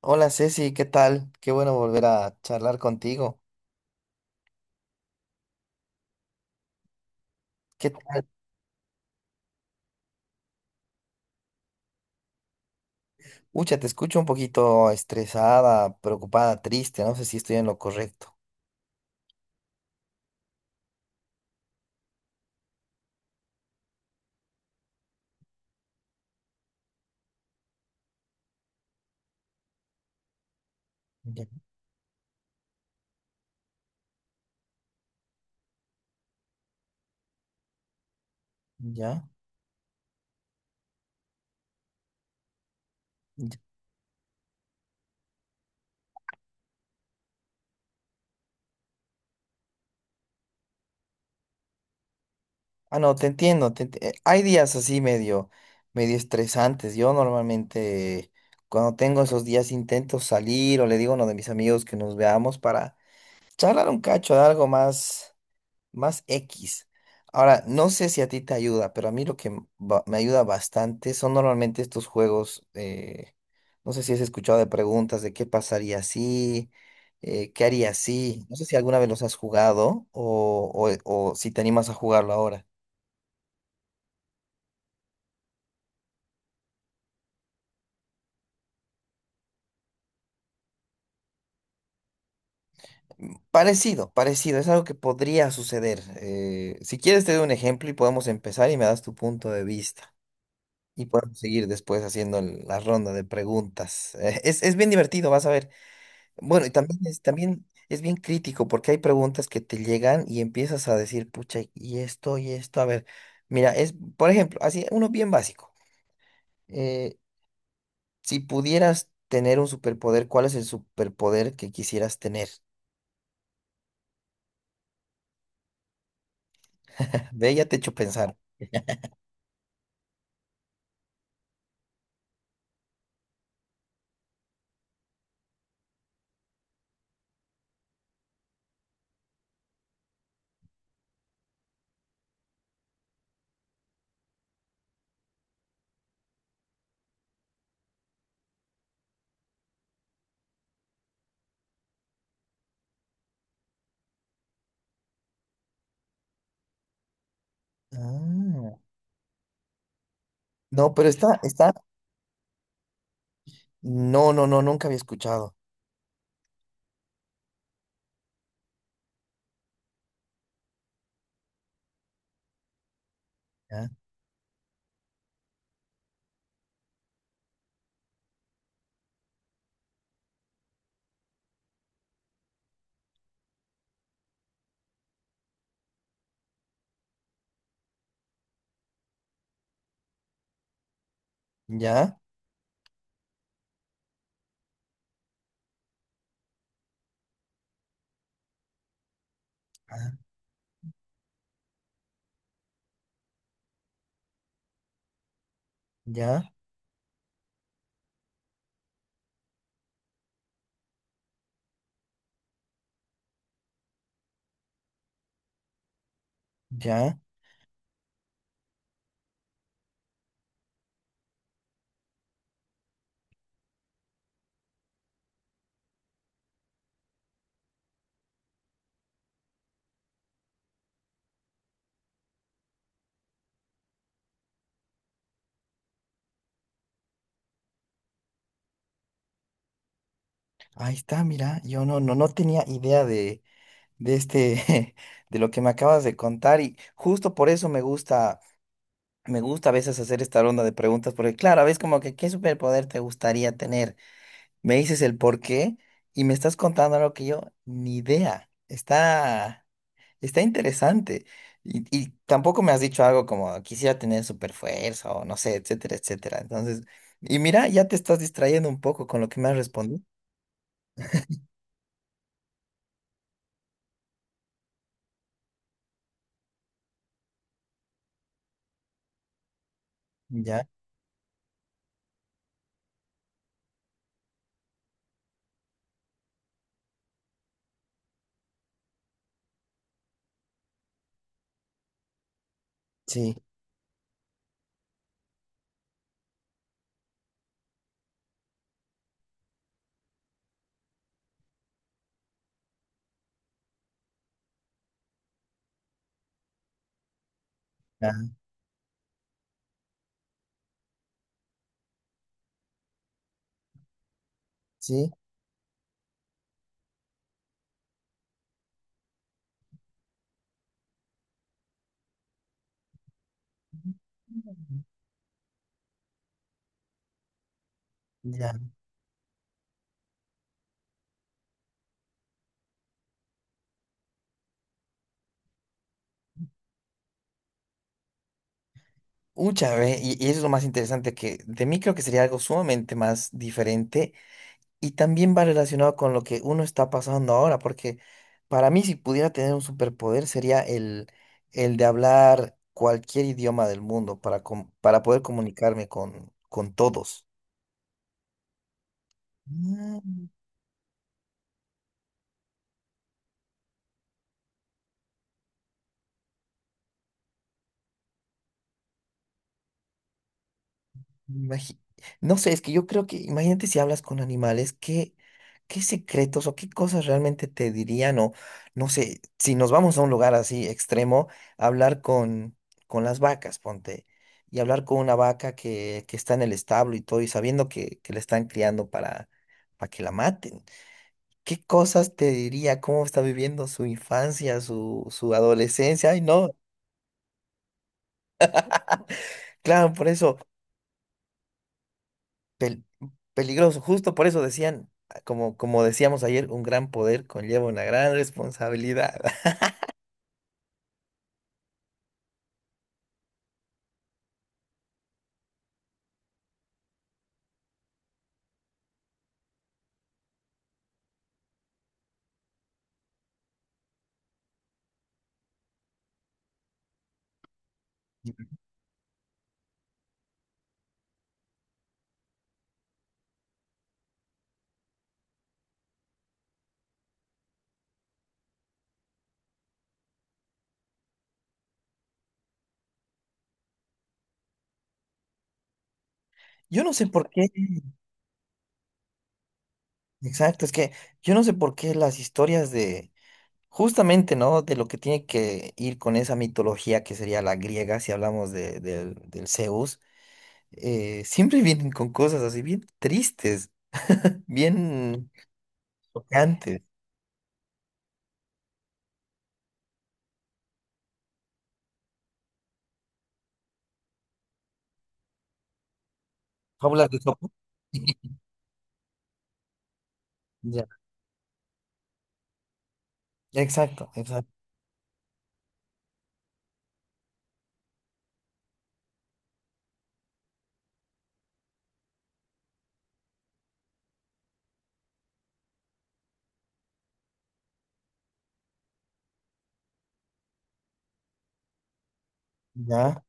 Hola Ceci, ¿qué tal? Qué bueno volver a charlar contigo. ¿Qué tal? Ucha, te escucho un poquito estresada, preocupada, triste. No sé si estoy en lo correcto. Ya, ya. Ya. Ah, no, te entiendo. Hay días así medio, medio estresantes. Yo normalmente cuando tengo esos días intento salir o le digo a uno de mis amigos que nos veamos para charlar un cacho de algo más. Más X. Ahora, no sé si a ti te ayuda, pero a mí lo que me ayuda bastante son normalmente estos juegos, no sé si has escuchado de preguntas de qué pasaría si, qué haría si, no sé si alguna vez los has jugado o o si te animas a jugarlo ahora. Parecido, parecido, es algo que podría suceder. Si quieres te doy un ejemplo y podemos empezar y me das tu punto de vista. Y podemos seguir después haciendo la ronda de preguntas. Es bien divertido, vas a ver. Bueno, y también es bien crítico porque hay preguntas que te llegan y empiezas a decir, pucha, y esto, y esto. A ver, mira, es, por ejemplo, así, uno bien básico. Eh, si pudieras tener un superpoder, ¿cuál es el superpoder que quisieras tener? Ve, ya te he hecho pensar. Ah, no, pero está, está, no, no, no, nunca había escuchado. Ya, ya, ah, ya, ya. Ahí está, mira, yo no tenía idea de este, de lo que me acabas de contar y justo por eso me gusta a veces hacer esta ronda de preguntas porque claro, a veces como que qué superpoder te gustaría tener. Me dices el por qué y me estás contando algo que yo ni idea. Está, está interesante. Y tampoco me has dicho algo como quisiera tener superfuerza o no sé, etcétera, etcétera. Entonces, y mira, ya te estás distrayendo un poco con lo que me has respondido. Ya, sí, ya, sí, ya. Mucha, ve, y eso es lo más interesante, que de mí creo que sería algo sumamente más diferente y también va relacionado con lo que uno está pasando ahora, porque para mí si pudiera tener un superpoder sería el de hablar cualquier idioma del mundo para, para poder comunicarme con todos. Imagi- No sé, es que yo creo que, imagínate si hablas con animales, ¿qué, qué secretos o qué cosas realmente te dirían? O no sé, si nos vamos a un lugar así extremo, hablar con las vacas, ponte, y hablar con una vaca que está en el establo y todo, y sabiendo que la están criando para que la maten. ¿Qué cosas te diría? ¿Cómo está viviendo su infancia, su adolescencia? Ay, no, claro, por eso. Pel- peligroso. Justo por eso decían, ah, como, como decíamos ayer, un gran poder conlleva una gran responsabilidad. Yo no sé por qué, exacto, es que yo no sé por qué las historias de, justamente, ¿no? De lo que tiene que ir con esa mitología que sería la griega, si hablamos de, del Zeus, siempre vienen con cosas así bien tristes, bien chocantes. Fábulas de Sopo. Ya. Exacto, exacto. Ya.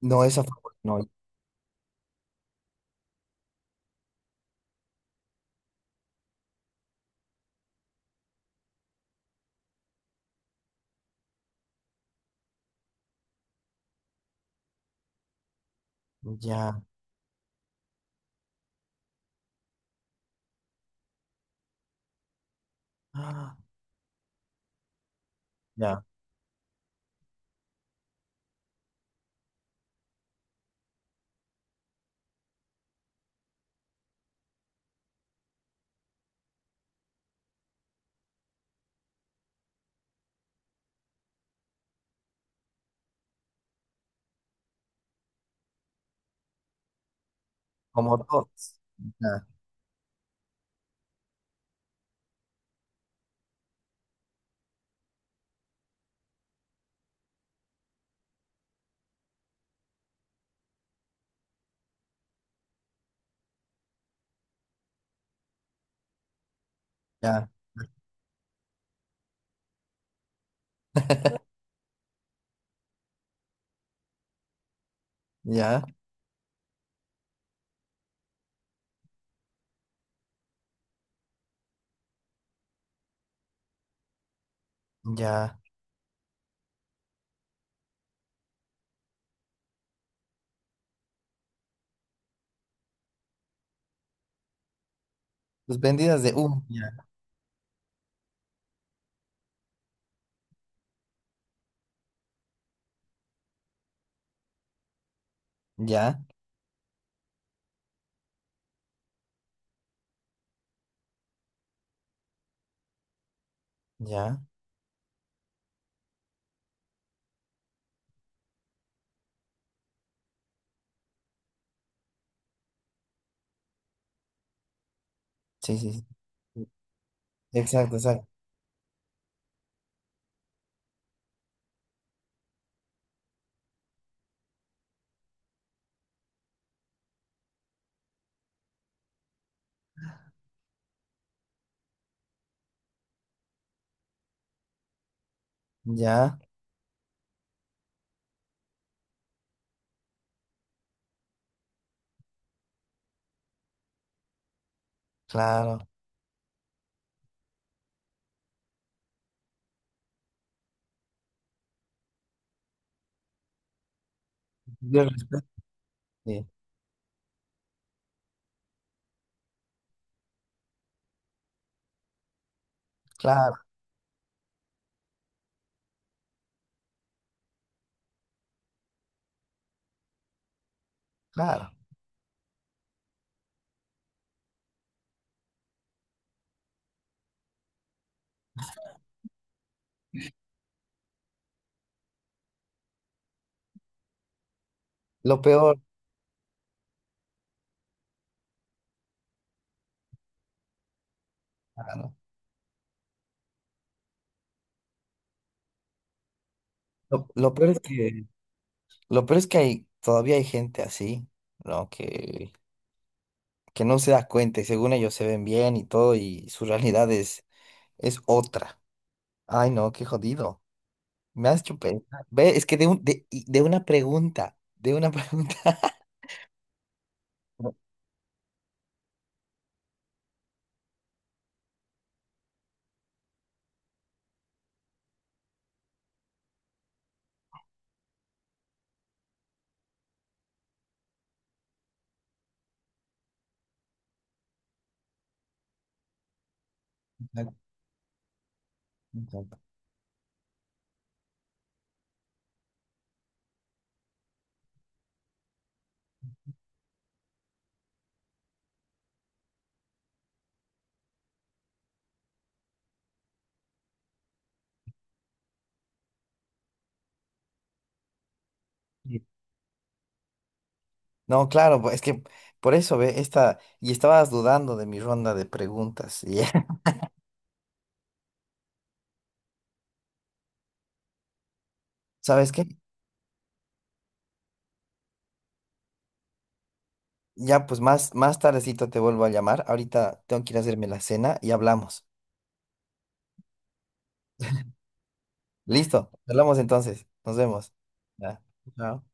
No, esa fábula, no, ya. Ah, ya, como todos. Ya, ya, ya, ya. Sus vendidas de humo. Ya, ya, ya. Sí, sí, sí. Exacto, exacto. Ya, claro. Yo res- sí, claro, claro. Lo peor, claro. Lo peor es que, lo peor es que hay, todavía hay gente así, ¿no? Que no se da cuenta y según ellos se ven bien y todo y su realidad es otra. Ay, no, qué jodido. Me has hecho pensar. Ve, es que de, un, de, y de una pregunta, de una pregunta. No, exacto, exacto. Sí. No, claro, pues, es que por eso, ve, esta, y estabas dudando de mi ronda de preguntas. Y ¿Sabes qué? Ya, pues más, más tardecito te vuelvo a llamar. Ahorita tengo que ir a hacerme la cena y hablamos. Listo, hablamos entonces. Nos vemos. Ya. Chao.